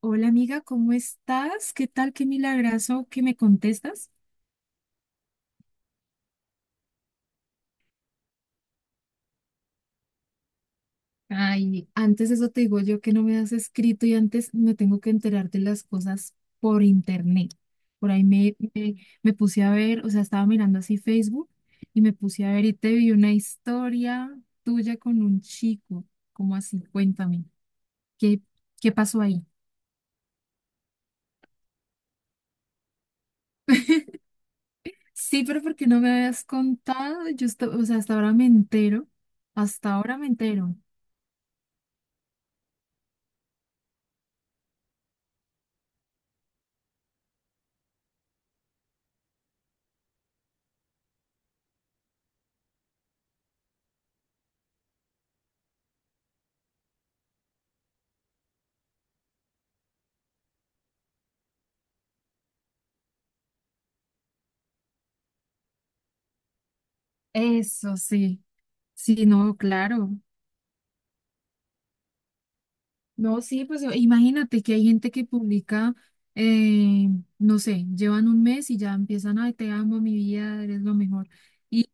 Hola amiga, ¿cómo estás? ¿Qué tal? Qué milagrazo que me contestas. Ay, antes eso te digo yo que no me has escrito y antes me tengo que enterar de las cosas por internet. Por ahí me puse a ver, o sea, estaba mirando así Facebook y me puse a ver y te vi una historia tuya con un chico. ¿Cómo así? Cuéntame, ¿qué, ¿qué pasó ahí? Sí, pero porque no me habías contado, yo, o sea, hasta ahora me entero. Eso sí. Sí, no, claro. No, sí, pues imagínate que hay gente que publica, eh, no sé, llevan un mes y ya empiezan, ay, te amo, mi vida, eres lo mejor. Y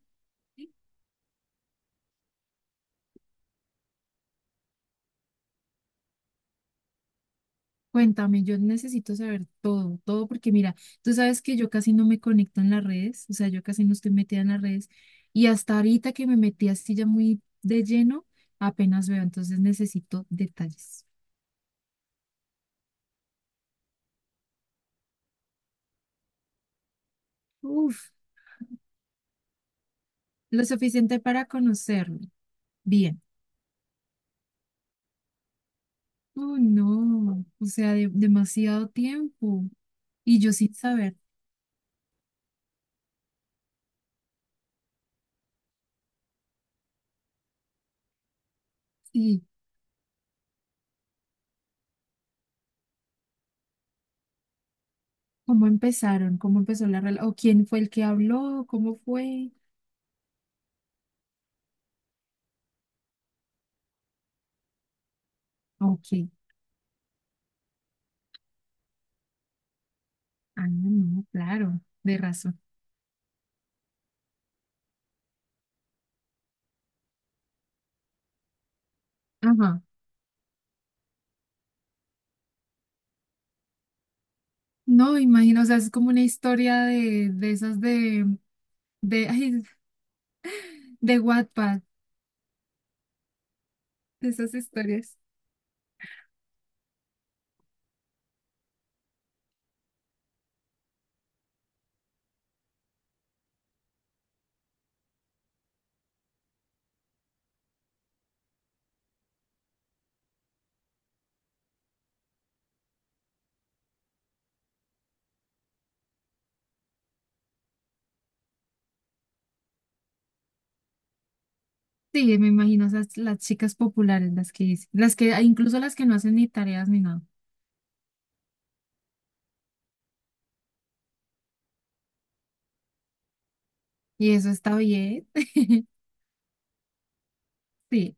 cuéntame, yo necesito saber todo, todo, porque mira, tú sabes que yo casi no me conecto en las redes, o sea, yo casi no estoy metida en las redes. Y hasta ahorita que me metí así ya muy de lleno, apenas veo, entonces necesito detalles. Uf, lo suficiente para conocerme. Bien. Oh no, o sea, demasiado tiempo. Y yo sin saber, sí, cómo empezaron, cómo empezó la relación, o quién fue el que habló, cómo fue. Ok, ah, no, claro, de razón. Ajá, no, imagino, o sea, es como una historia de esas de, ay, de Wattpad, de esas historias. Sí, me imagino, esas las chicas populares, las que dicen, las que, incluso las que no hacen ni tareas ni nada. Y eso está bien. Sí.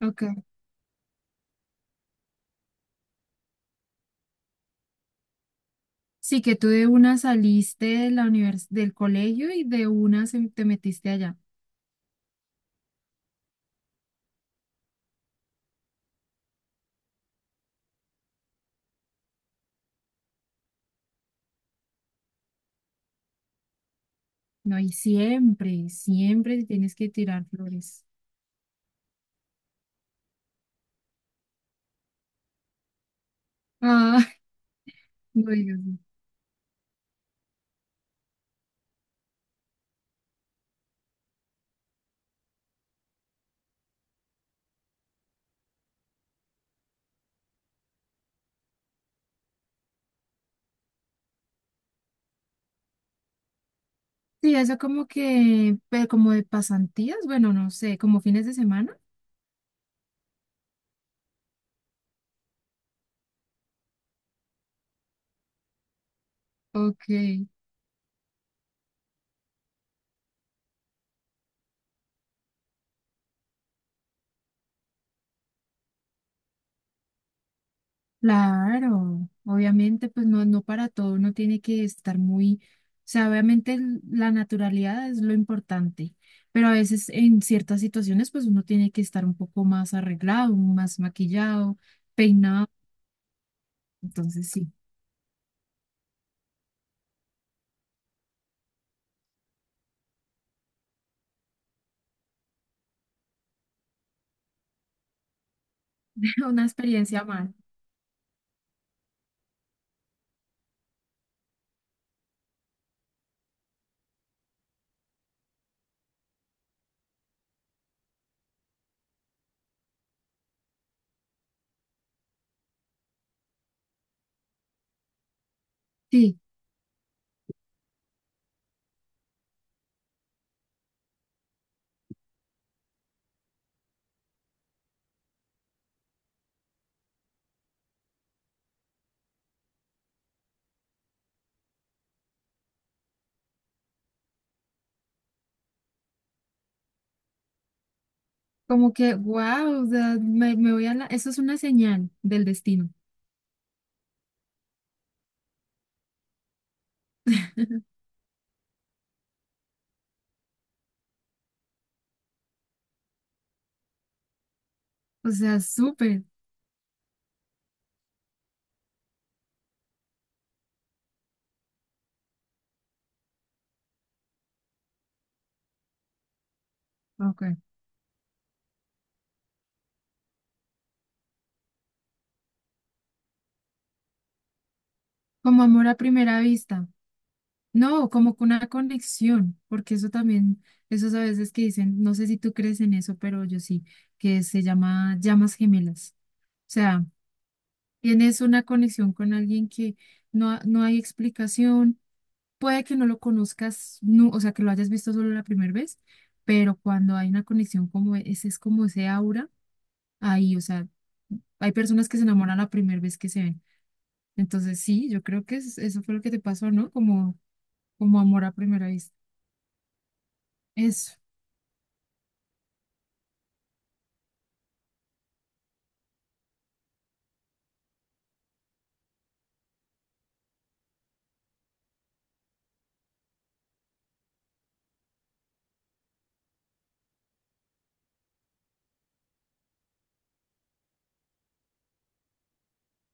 Ok. Sí, que tú de una saliste de la univers del colegio y de una te metiste allá. No, y siempre, siempre te tienes que tirar flores. Ah, no digas eso. Sí, eso como que, pero como de pasantías, bueno, no sé, como fines de semana. Ok. Claro, obviamente, pues no, no para todo, uno tiene que estar muy, o sea, obviamente la naturalidad es lo importante, pero a veces en ciertas situaciones, pues uno tiene que estar un poco más arreglado, más maquillado, peinado, entonces sí, una experiencia más. Sí, como que, wow, o sea, me voy a la, eso es una señal del destino, o sea, súper, ok, como amor a primera vista. No, como que una conexión, porque eso también, esos a veces que dicen, no sé si tú crees en eso, pero yo sí, que se llama llamas gemelas. O sea, tienes una conexión con alguien que no, no hay explicación, puede que no lo conozcas, no, o sea, que lo hayas visto solo la primera vez, pero cuando hay una conexión como e, ese, es como ese aura ahí, o sea, hay personas que se enamoran la primera vez que se ven. Entonces, sí, yo creo que eso fue lo que te pasó, ¿no? Como, como amor a primera vista. Eso.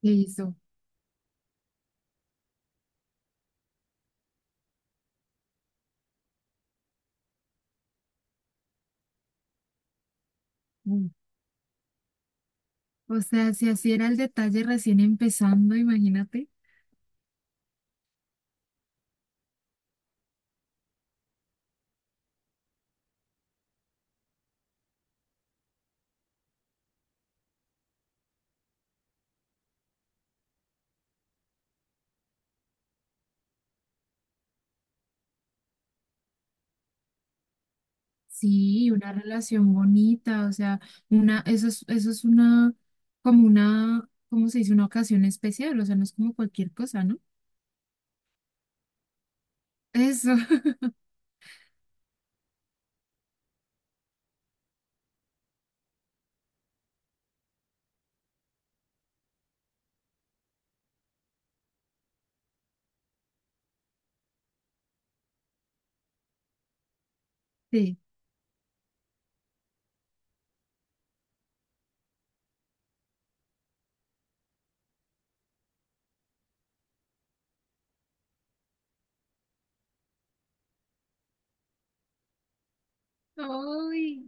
Que hizo. Mm. O sea, si así era el detalle recién empezando, imagínate. Sí, una relación bonita, o sea, una, eso es una, como una, ¿cómo se dice? Una ocasión especial, o sea, no es como cualquier cosa, ¿no? Eso, sí. ¡Ay,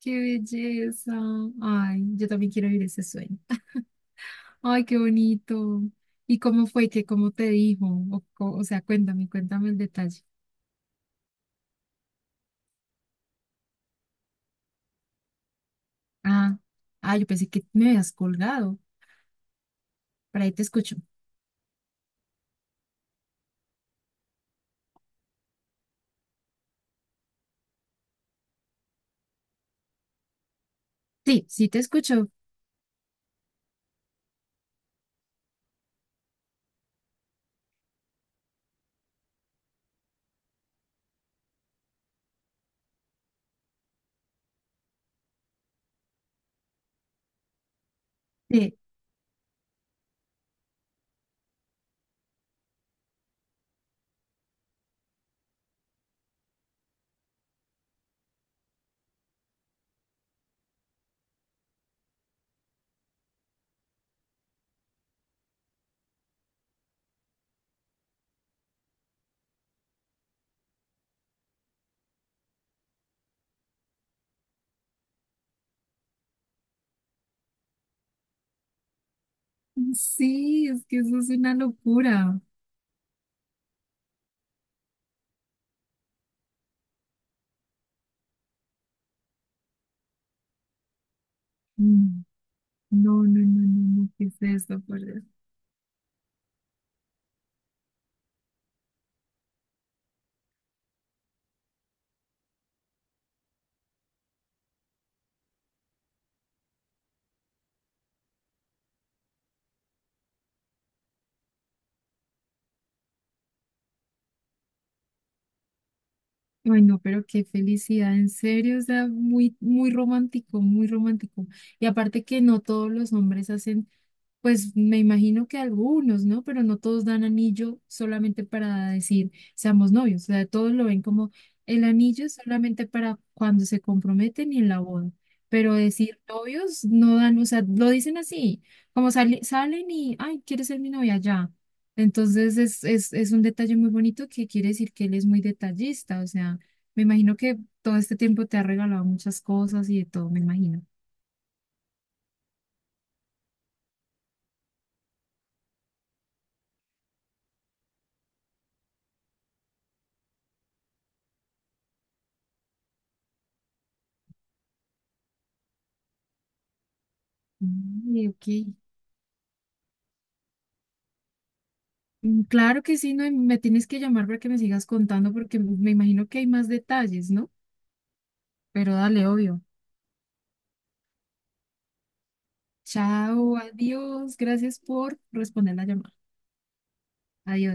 qué belleza! Ay, yo también quiero vivir ese sueño. ¡Ay, qué bonito! ¿Y cómo fue? ¿Qué, cómo te dijo? O, o sea, cuéntame, cuéntame el detalle. Ah, ah, yo pensé que me habías colgado. Por ahí te escucho. Sí, sí te escucho. Sí, sí, es que eso es una locura. Mm. No, no, no, no, no, ¿qué es esto, por Dios? Ay, no, pero qué felicidad, en serio, o sea, muy, muy romántico, muy romántico. Y aparte que no todos los hombres hacen, pues me imagino que algunos, ¿no? Pero no todos dan anillo solamente para decir, seamos novios, o sea, todos lo ven como el anillo es solamente para cuando se comprometen y en la boda. Pero decir novios no dan, o sea, lo dicen así, como salen y, ay, ¿quieres ser mi novia? Ya. Entonces es un detalle muy bonito que quiere decir que él es muy detallista, o sea, me imagino que todo este tiempo te ha regalado muchas cosas y de todo, me imagino. Mm, ok. Mm, claro que sí, no, y me tienes que llamar para que me sigas contando porque me imagino que hay más detalles, ¿no? Pero dale, obvio. Chao, adiós, gracias por responder la llamada. Adiós.